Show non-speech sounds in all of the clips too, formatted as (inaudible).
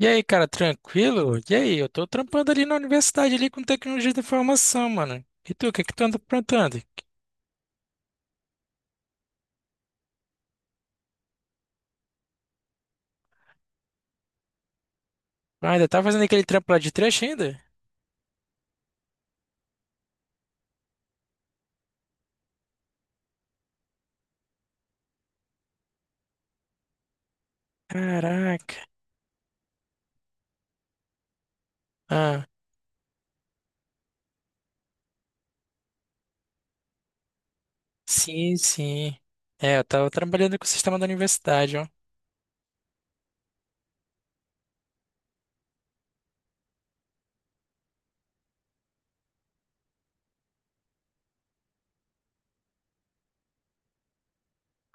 E aí, cara, tranquilo? E aí, eu tô trampando ali na universidade ali com tecnologia da informação, mano. E tu, o que que tu anda aprontando? Ah, ainda tá fazendo aquele trampo lá de trecho ainda? Caraca. Ah, sim, sim. É, eu tava trabalhando com o sistema da universidade, ó.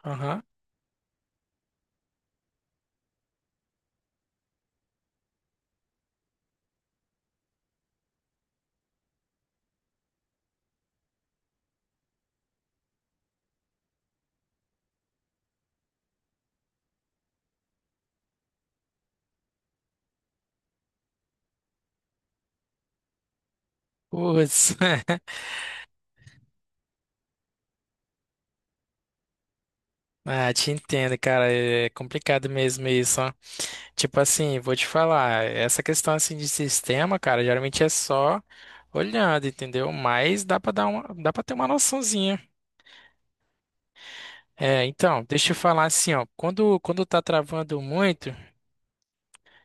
Aham. Putz. (laughs) Ah, te entendo, cara. É complicado mesmo isso, ó. Tipo assim, vou te falar, essa questão assim de sistema, cara, geralmente é só olhando, entendeu? Mas dá pra dar uma, dá para ter uma noçãozinha. É, então, deixa eu falar assim, ó, quando tá travando muito,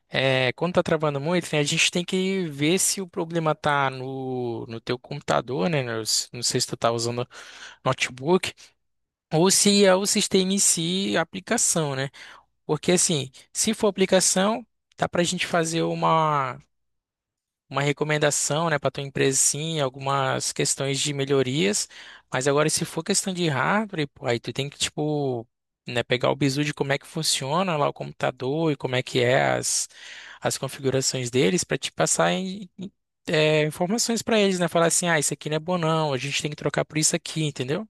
quando tá travando muito, né, a gente tem que ver se o problema tá no teu computador, né, não sei se tu tá usando notebook, ou se é o sistema em si, a aplicação, né, porque assim, se for aplicação, dá pra gente fazer uma recomendação, né, para tua empresa, sim, algumas questões de melhorias. Mas agora, se for questão de hardware, pô, aí tu tem que, tipo, né, pegar o bizu de como é que funciona lá o computador e como é que é as configurações deles para te passar informações para eles, né? Falar assim, ah, isso aqui não é bom não, a gente tem que trocar por isso aqui, entendeu?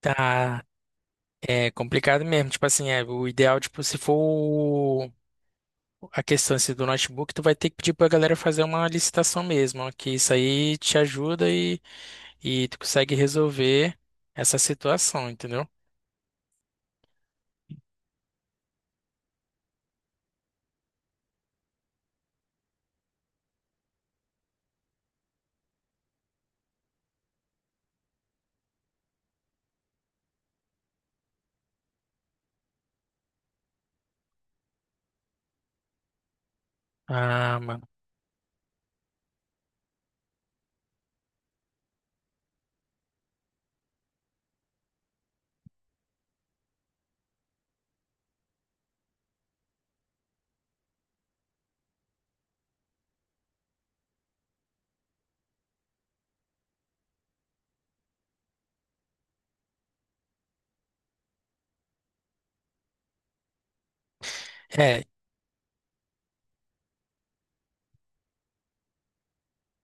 Tá. É complicado mesmo, tipo assim, é, o ideal, tipo, se for o- a questão assim, do notebook, tu vai ter que pedir pra galera fazer uma licitação mesmo, ó, que isso aí te ajuda e tu consegue resolver essa situação, entendeu? Ah, mano. É,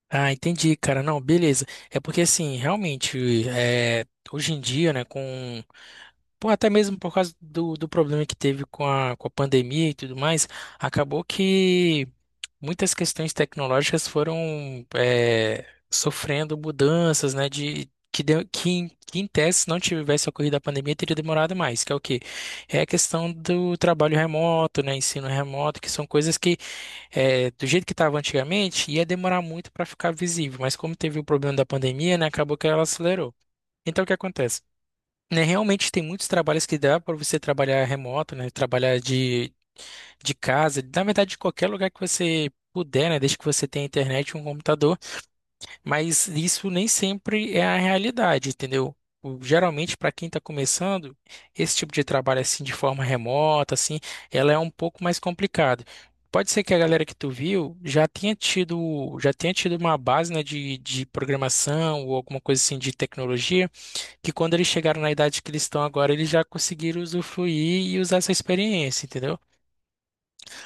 ah, entendi, cara. Não, beleza. É porque assim, realmente, é, hoje em dia, né, com. Pô, até mesmo por causa do problema que teve com com a pandemia e tudo mais, acabou que. Muitas questões tecnológicas foram sofrendo mudanças, né, de que, deu- que em tese, se não tivesse ocorrido a pandemia, teria demorado mais, que é o quê? É a questão do trabalho remoto, né, ensino remoto, que são coisas que, do jeito que estava antigamente, ia demorar muito para ficar visível, mas como teve o problema da pandemia, né, acabou que ela acelerou. Então, o que acontece? Né, realmente tem muitos trabalhos que dá para você trabalhar remoto, né, trabalhar de casa, na verdade, de qualquer lugar que você puder, né? Desde que você tenha internet e um computador, mas isso nem sempre é a realidade, entendeu? Geralmente, para quem está começando, esse tipo de trabalho assim de forma remota, assim, ela é um pouco mais complicado. Pode ser que a galera que tu viu já tenha tido uma base, né, de programação ou alguma coisa assim de tecnologia, que quando eles chegaram na idade que eles estão agora, eles já conseguiram usufruir e usar essa experiência, entendeu?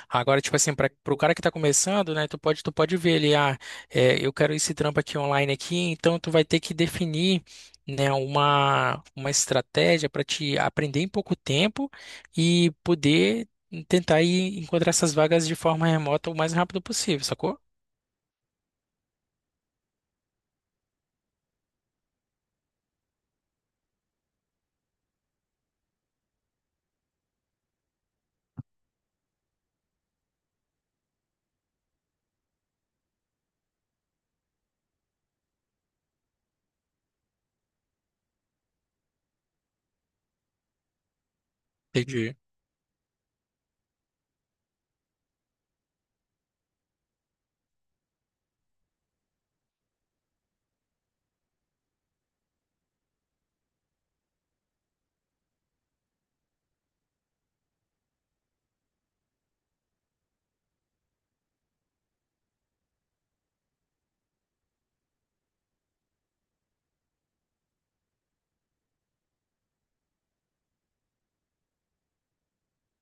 Agora, tipo assim, para o cara que tá começando, né, tu pode ver ele, ah, é, eu quero esse trampo aqui online aqui, então tu vai ter que definir, né, uma estratégia para te aprender em pouco tempo e poder tentar ir encontrar essas vagas de forma remota o mais rápido possível, sacou? Entendi.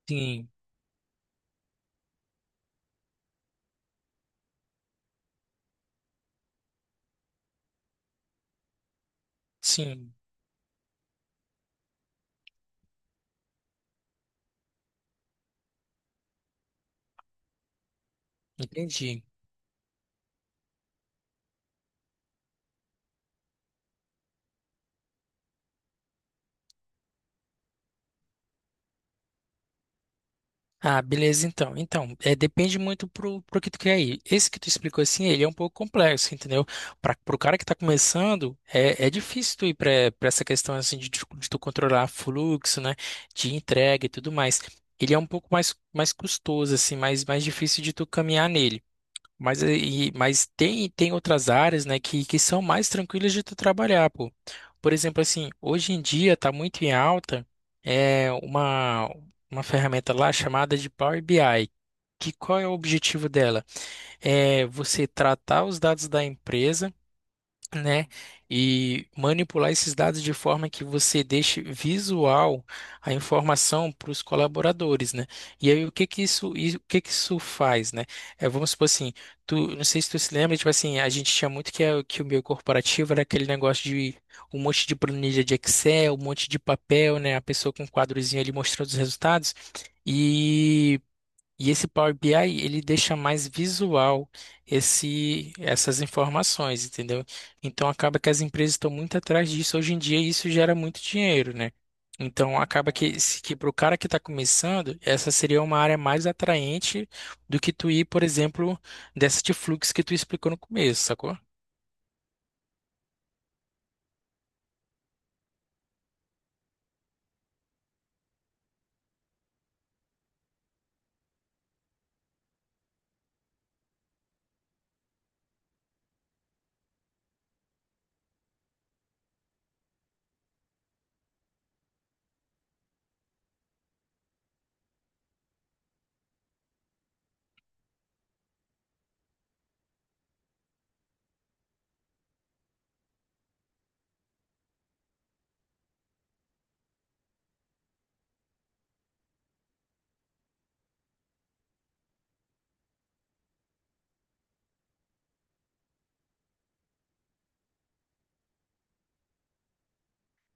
Sim, sim, entendi. Ah, beleza, então. Então, é, depende muito pro que tu quer ir. Esse que tu explicou assim, ele é um pouco complexo, entendeu? Para Pro cara que tá começando, é difícil tu ir para essa questão assim de tu controlar fluxo, né? De entrega e tudo mais. Ele é um pouco mais, mais custoso, assim, mais, mais difícil de tu caminhar nele. Mas, mas tem, tem outras áreas, né, que são mais tranquilas de tu trabalhar, pô. Por exemplo, assim, hoje em dia tá muito em alta é uma ferramenta lá chamada de Power BI. Que qual é o objetivo dela? É você tratar os dados da empresa, né? E manipular esses dados de forma que você deixe visual a informação para os colaboradores, né? E aí o que que isso faz, né? É, vamos supor assim, tu, não sei se tu se lembra, tipo assim, a gente tinha muito que, que o meio corporativo era aquele negócio de um monte de planilha de Excel, um monte de papel, né? A pessoa com um quadrozinho ali mostrando os resultados. E esse Power BI, ele deixa mais visual essas informações, entendeu? Então acaba que as empresas estão muito atrás disso, hoje em dia isso gera muito dinheiro, né? Então acaba que, que para o cara que está começando, essa seria uma área mais atraente do que tu ir, por exemplo, dessa de fluxo que tu explicou no começo, sacou?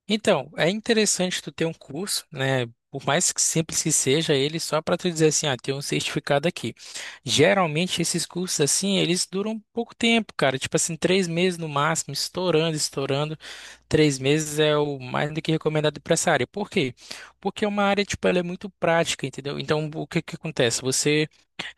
Então, é interessante tu ter um curso, né? Por mais que simples que seja ele, só para tu dizer assim, ah, tem um certificado aqui. Geralmente esses cursos assim, eles duram pouco tempo, cara. Tipo assim, 3 meses no máximo, estourando, estourando. 3 meses é o mais do que recomendado para essa área. Por quê? Porque é uma área, tipo, ela é muito prática, entendeu? Então, o que que acontece? Você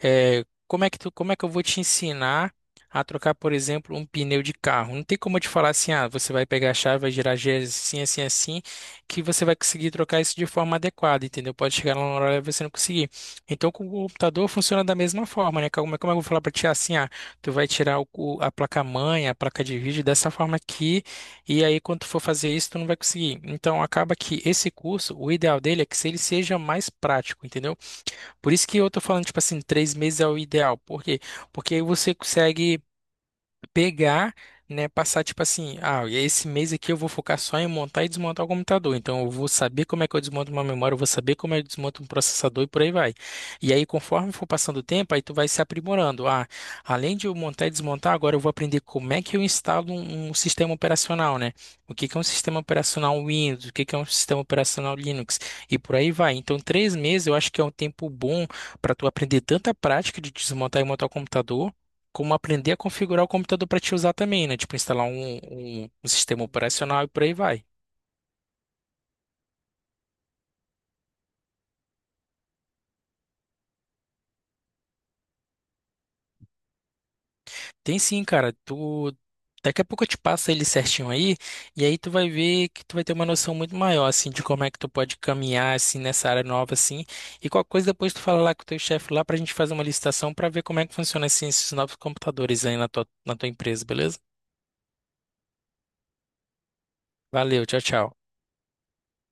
é, como é que eu vou te ensinar a trocar, por exemplo, um pneu de carro? Não tem como eu te falar assim, ah, você vai pegar a chave, vai girar a gears assim, assim, assim, que você vai conseguir trocar isso de forma adequada, entendeu? Pode chegar lá na hora e você não conseguir. Então, com o computador funciona da mesma forma, né? Como é que eu vou falar pra ti? Ah, assim, ah, tu vai tirar a placa-mãe, a placa de vídeo dessa forma aqui, e aí quando tu for fazer isso, tu não vai conseguir. Então, acaba que esse curso, o ideal dele é que se ele seja mais prático, entendeu? Por isso que eu tô falando, tipo assim, três meses é o ideal. Por quê? Porque aí você consegue pegar, né, passar tipo assim, ah, e esse mês aqui eu vou focar só em montar e desmontar o computador. Então eu vou saber como é que eu desmonto uma memória, eu vou saber como é que eu desmonto um processador e por aí vai. E aí conforme for passando o tempo, aí tu vai se aprimorando. Ah, além de eu montar e desmontar, agora eu vou aprender como é que eu instalo um sistema operacional, né? O que que é um sistema operacional Windows, o que que é um sistema operacional Linux e por aí vai. Então 3 meses eu acho que é um tempo bom para tu aprender tanta prática de desmontar e montar o computador como aprender a configurar o computador para te usar também, né? Tipo, instalar um sistema operacional e por aí vai. Tem sim, cara. Tu daqui a pouco eu te passo ele certinho aí, e aí tu vai ver que tu vai ter uma noção muito maior assim de como é que tu pode caminhar assim nessa área nova assim. E qualquer coisa depois tu fala lá com o teu chefe lá pra gente fazer uma licitação pra ver como é que funciona assim, esses novos computadores aí na na tua empresa, beleza? Valeu, tchau, tchau.